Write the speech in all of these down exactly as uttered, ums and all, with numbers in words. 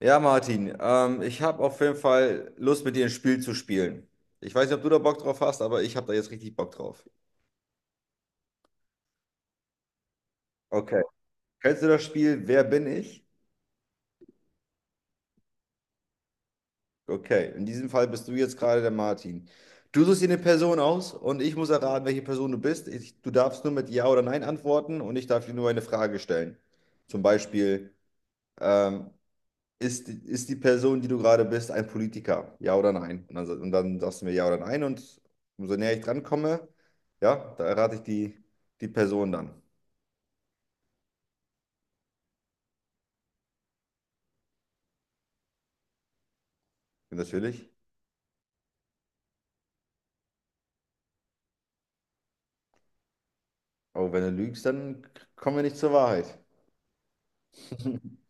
Ja, Martin, ähm, ich habe auf jeden Fall Lust, mit dir ein Spiel zu spielen. Ich weiß nicht, ob du da Bock drauf hast, aber ich habe da jetzt richtig Bock drauf. Okay. Kennst du das Spiel Wer bin ich? Okay, in diesem Fall bist du jetzt gerade der Martin. Du suchst dir eine Person aus und ich muss erraten, welche Person du bist. Ich, du darfst nur mit Ja oder Nein antworten und ich darf dir nur eine Frage stellen. Zum Beispiel, ähm, Ist, die- ist die Person, die du gerade bist, ein Politiker? Ja oder nein? Und dann, sa- und dann sagst du mir ja oder nein. Und umso näher ich dran komme, ja, da errate ich die, die Person dann. Und natürlich. Aber wenn du lügst, dann k- kommen wir nicht zur Wahrheit.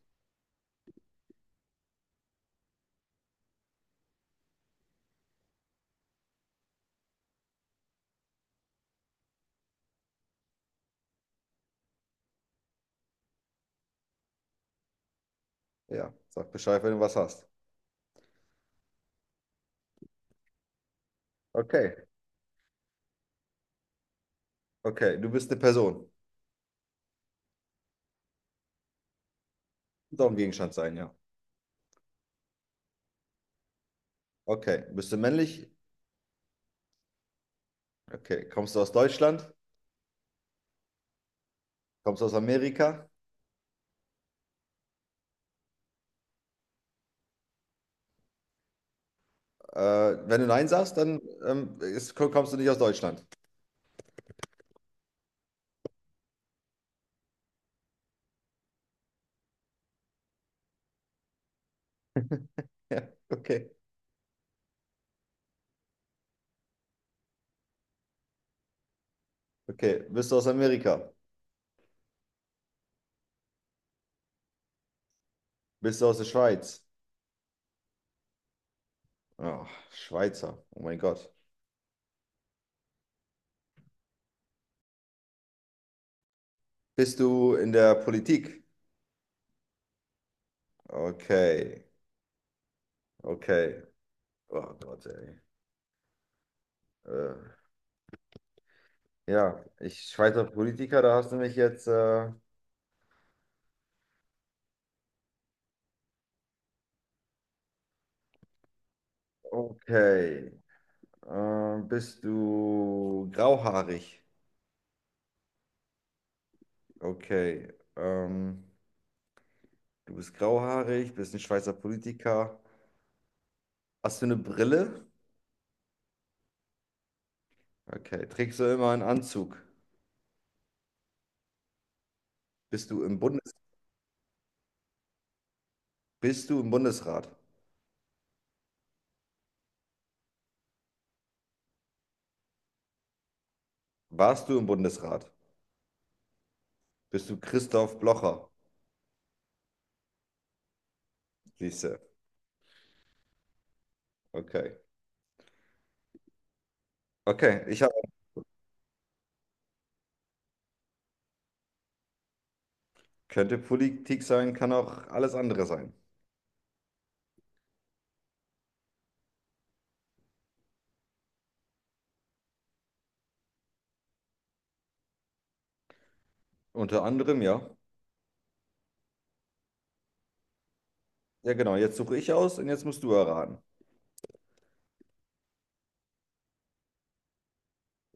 Ja, sag Bescheid, wenn du was hast. Okay, okay, du bist eine Person. Soll ein Gegenstand sein, ja. Okay, bist du männlich? Okay, kommst du aus Deutschland? Kommst du aus Amerika? Äh, Wenn du Nein sagst, dann ähm, ist, kommst du nicht aus Deutschland. Ja, okay. Okay, bist du aus Amerika? Bist du aus der Schweiz? Ah, Schweizer. Oh mein Gott. Bist du in der Politik? Okay, okay. Oh Gott, ey. Äh, ja, ich Schweizer Politiker, da hast du mich jetzt. Äh, okay. Äh, bist du grauhaarig? Okay. Ähm, du bist grauhaarig, bist ein Schweizer Politiker. Hast du eine Brille? Okay. Trägst du immer einen Anzug? Bist du im Bundes Bist du im Bundesrat? Warst du im Bundesrat? Bist du Christoph Blocher? Siehste. Okay. Okay, ich habe. Könnte Politik sein, kann auch alles andere sein. Unter anderem, ja. Ja, genau. Jetzt suche ich aus und jetzt musst du erraten.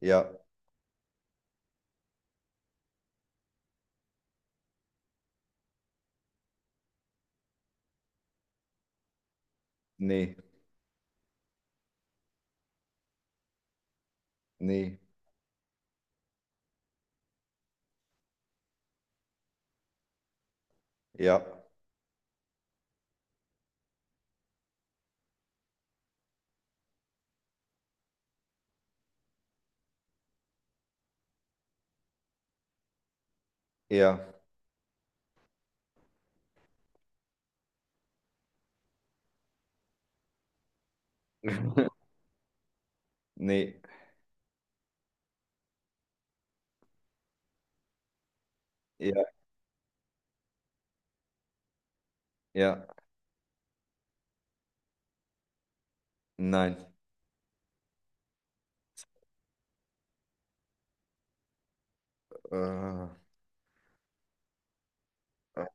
Ja, nee, nee, ja, ja, nee, ja, ja, nein. Äh, äh,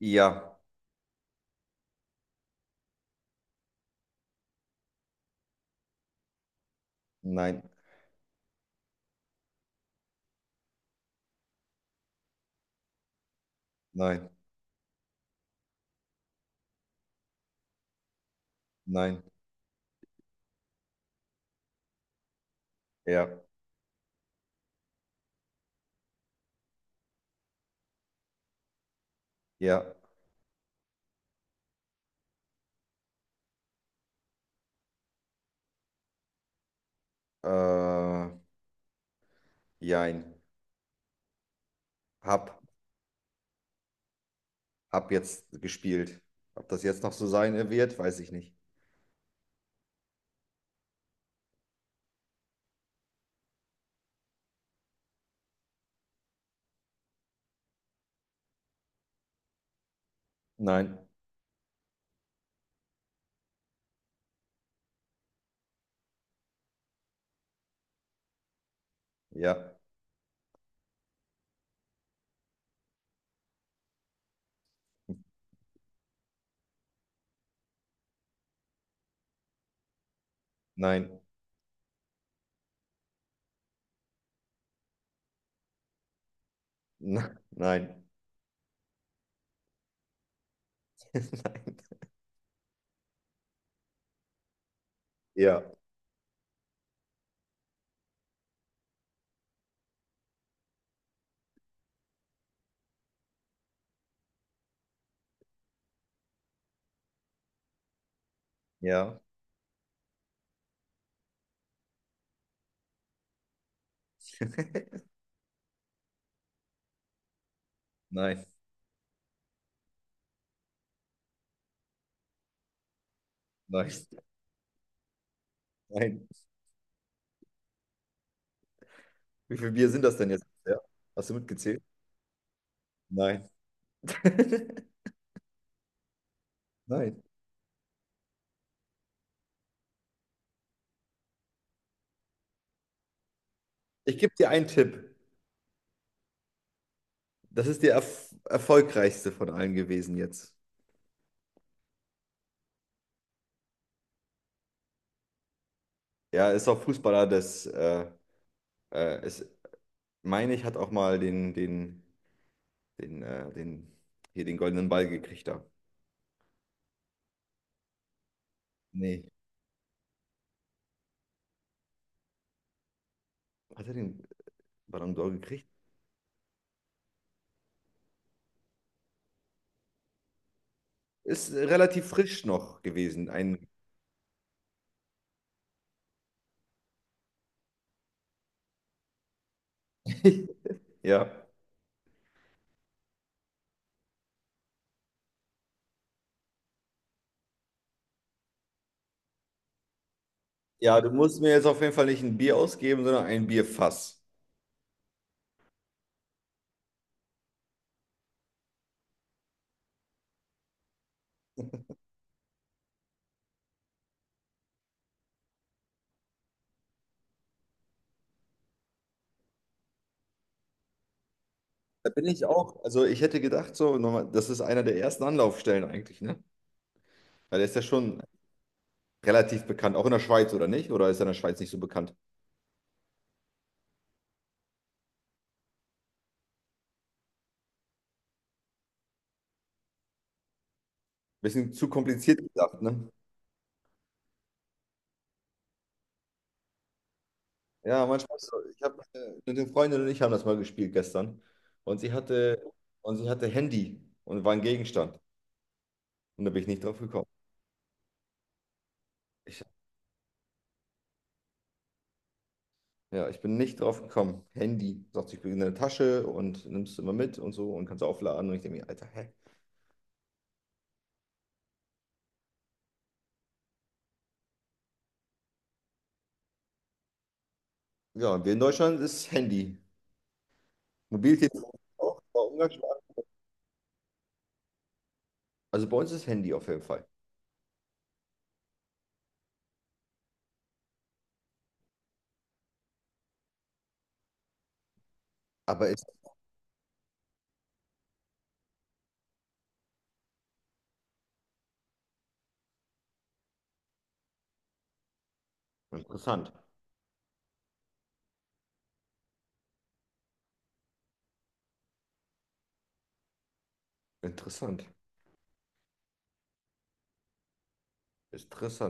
ja, nein, nein, nein, ja, ja, äh, jein. Hab, ab jetzt gespielt. Ob das jetzt noch so sein wird, weiß ich nicht. Nein, ja, nein, nein, nein, nein, ja, ja, nein, nein, nein. Wie viel Bier sind das denn jetzt? Ja. Hast du mitgezählt? Nein, nein. Ich gebe dir einen Tipp. Das ist der erf erfolgreichste von allen gewesen jetzt. Ja, ist auch Fußballer das. äh, äh, ist, meine ich, hat auch mal den, den, den, äh, den, hier den goldenen Ball gekriegt da. Nee. Hat er den? Ballon d'Or gekriegt. Ist relativ frisch noch gewesen. Ein, ja. Ja, du musst mir jetzt auf jeden Fall nicht ein Bier ausgeben, sondern ein Bierfass. Da bin ich auch, also ich hätte gedacht, so, nochmal, das ist einer der ersten Anlaufstellen eigentlich, ne? Weil der ist ja schon relativ bekannt, auch in der Schweiz, oder nicht? Oder ist er in der Schweiz nicht so bekannt? Bisschen zu kompliziert gedacht, ne? Ja, manchmal ist so. Ich habe eine Freundin und ich haben das mal gespielt gestern. Und sie hatte, und sie hatte Handy und war ein Gegenstand. Und da bin ich nicht drauf gekommen. Ich Ja, ich bin nicht drauf gekommen. Handy, sagt, ich bin in der Tasche und nimmst du immer mit und so und kannst aufladen. Und ich denke mir, Alter, hä? Ja, und wir in Deutschland ist Handy. Mobiltelefon auch, aber umgangssprachlich. Also bei uns ist Handy auf jeden Fall. Aber ist interessant. Interessant. Interessant.